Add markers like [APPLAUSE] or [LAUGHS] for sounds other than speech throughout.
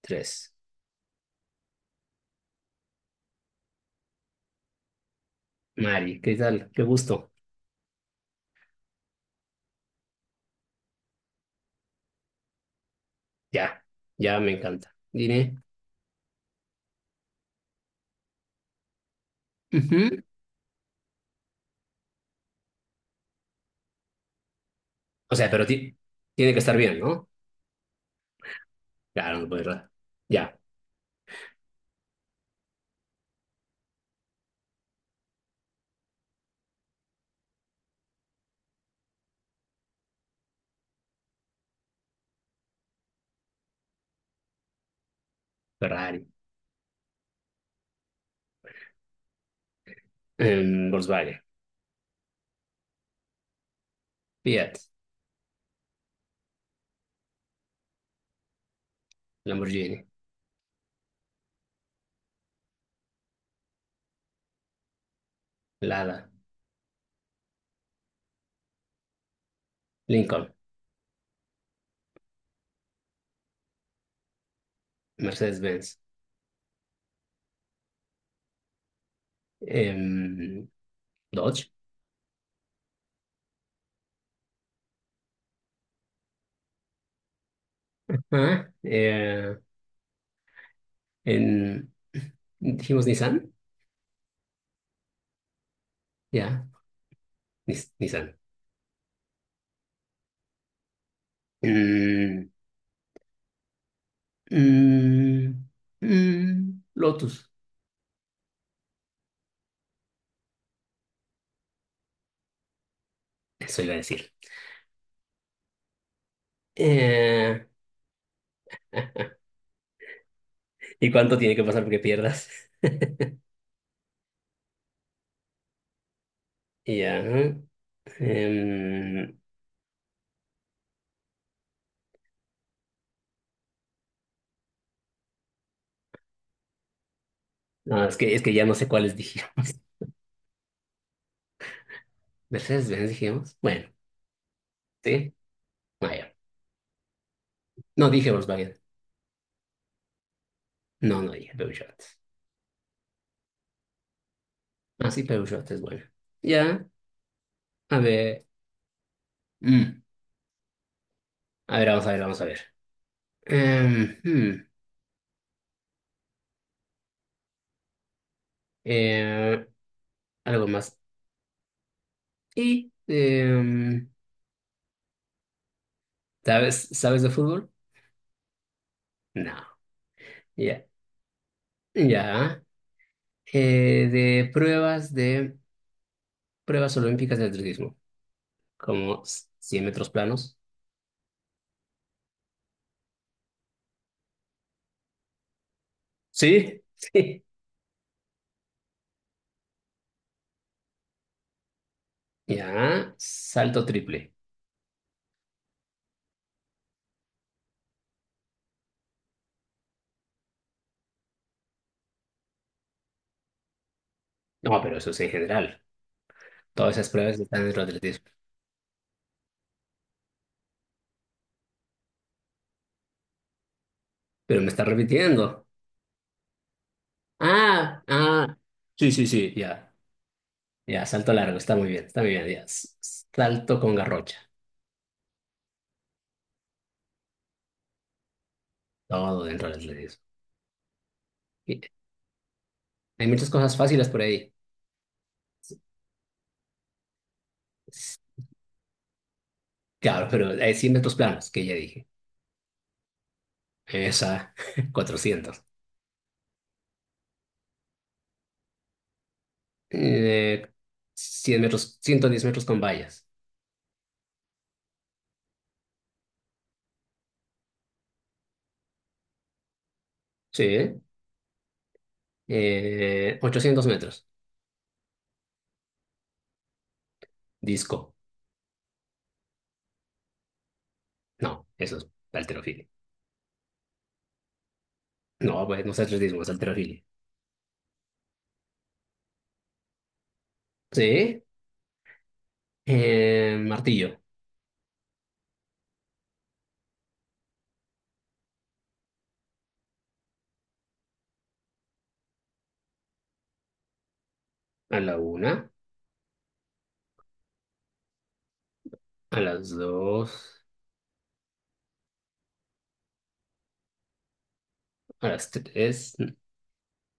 Tres. Mari, ¿qué tal? Qué gusto. Ya, ya me encanta. Dime. Ujú. O sea, pero tiene que estar bien, ¿no? Claro, no puede errar. Ya, Ferrari, Volkswagen, Fiat, Lamborghini, Lada, Lincoln, Mercedes-Benz, em, Dodge. Ah, en, dijimos Nissan. Ya, Nissan. Mm, mm, Lotus, eso iba a decir. Eh, ¿Y cuánto tiene que pasar porque pierdas? [LAUGHS] Ya. Ajá. em, no, es que ya no sé cuáles dijimos. [LAUGHS] Mercedes-Benz dijimos. Bueno, sí. Ah, ya. No dije Volkswagen. No, no dije Peugeot. Ah, sí, Peugeot es bueno. Ya. A ver. Mm, A ver, vamos a ver, vamos a ver. Em, hmm, eh, Algo más. ¿Y sabes de fútbol? No. Ya. Ya. De pruebas olímpicas de atletismo. Como 100 metros planos. Sí, sí. Ya, salto triple. No, pero eso es en general. Todas esas pruebas están dentro del atletismo. Pero me está repitiendo. Ah, ah. Sí, sí, sí, ya. Ya, salto largo, está muy bien, está muy bien. Ya. Salto con garrocha. Todo dentro del atletismo. Y hay muchas cosas fáciles por ahí. S- Claro, pero hay 100 metros planos, que ya dije. Esa, [LAUGHS] 400. Eh, 100 metros, 110 metros con vallas. Sí. 800 metros. Disco. No, eso es halterofilia. No, pues no es atletismo, es halterofilia. Sí. Martillo. A la una, a las dos, a las tres.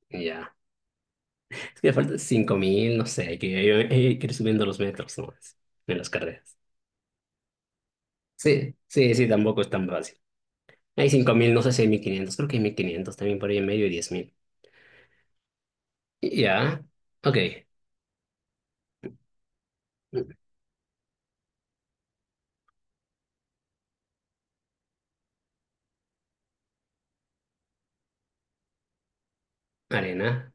Ya. Es que me faltan 5.000, no sé. Hay que ir subiendo los metros nomás en las carreras. Sí, sí, sí, tampoco es tan fácil. Hay 5.000, no sé si hay 1.500. Creo que hay 1.500 también por ahí en medio y 10.000. Ya. Ok. Arena.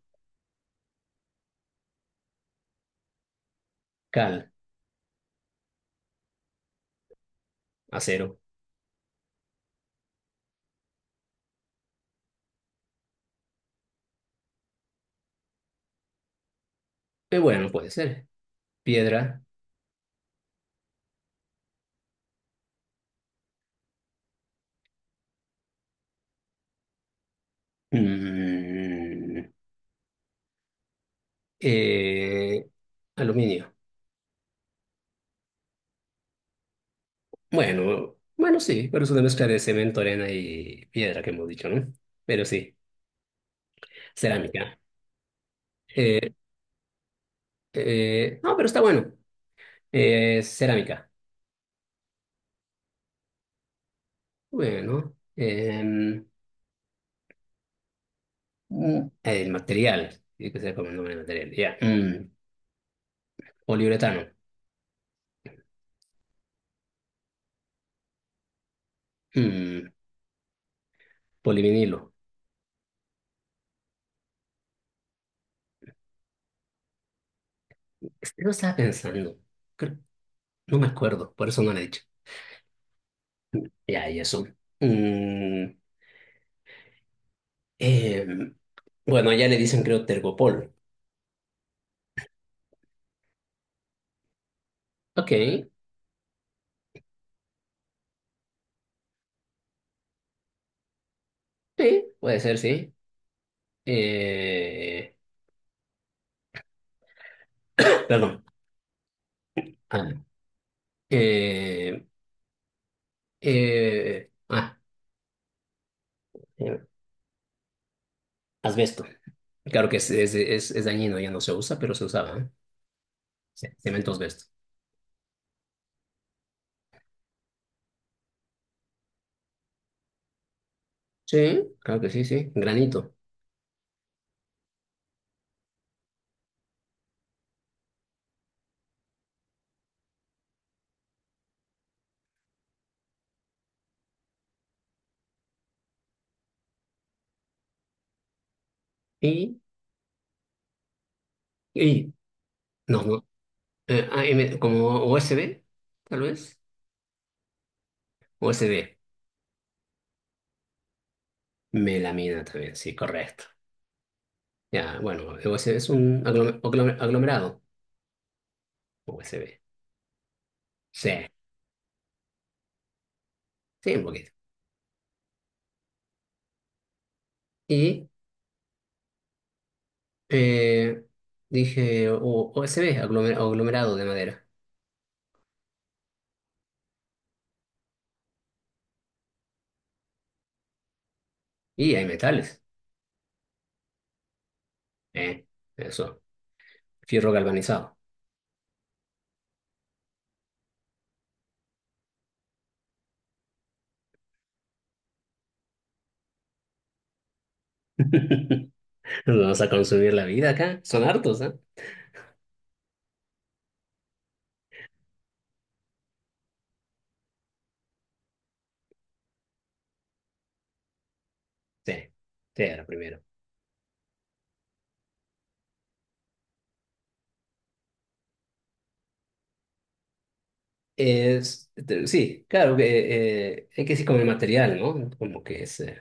Cal. Acero. Bueno, puede ser. Piedra, mm, eh, aluminio. Bueno, bueno, sí, pero es una mezcla de cemento, arena y piedra que hemos dicho, ¿no? Pero sí, cerámica. Eh, no, pero está bueno. Cerámica. Bueno, el material tiene que ser como el nombre del material, ya. Poliuretano. Mm, Polivinilo. Este lo estaba pensando, creo- no me acuerdo, por eso no lo he dicho. Ya, y eso. Mm, Eh, bueno, allá le dicen creo Tergopol. Ok, sí, puede ser, sí. Eh, Perdón. Ah, eh, eh, ah, eh, Asbesto. Claro que es dañino, ya no se usa, pero se usaba, ¿eh? Sí, cemento asbesto. Sí, claro que sí, sí. Granito. Y, y, no, no. AM, como USB, tal vez. USB. Melamina también, sí, correcto. Ya, bueno, USB es un aglomerado. USB. Sí, sí, un poquito. Y eh, Dije OSB, aglomerado de madera. Y hay metales. Eh, Eso, fierro galvanizado. [LAUGHS] Nos vamos a consumir la vida acá. Son hartos, ¿eh? Sí, sí, era primero. Sí, claro, que hay que decir como el material, ¿no? Como que es,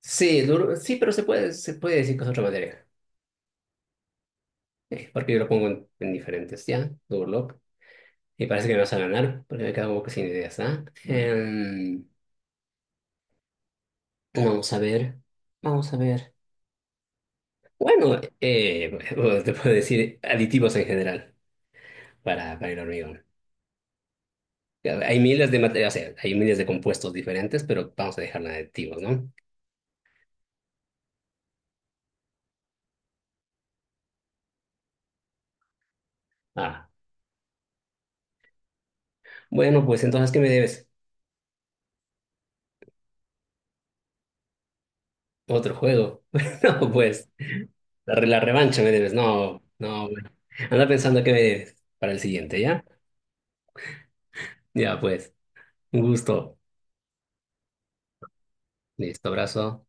sí, duro, sí, pero se puede decir que es otra materia. Sí, porque yo lo pongo en, diferentes, ¿ya? Durlock. Y parece que me vas a ganar, porque me quedo sin ideas, ¿ah? Vamos a ver, vamos a ver. Bueno, [LAUGHS] bueno, te puedo decir aditivos en general para el hormigón. Hay miles de materiales, o sea, hay miles de compuestos diferentes, pero vamos a dejarla de aditivos, ¿no? Ah, bueno, pues entonces, ¿qué me debes? Otro juego. [LAUGHS] No, pues, la revancha me debes. No, no, bueno. Anda pensando qué me debes para el siguiente, ¿ya? Ya, pues, un gusto. Listo, abrazo.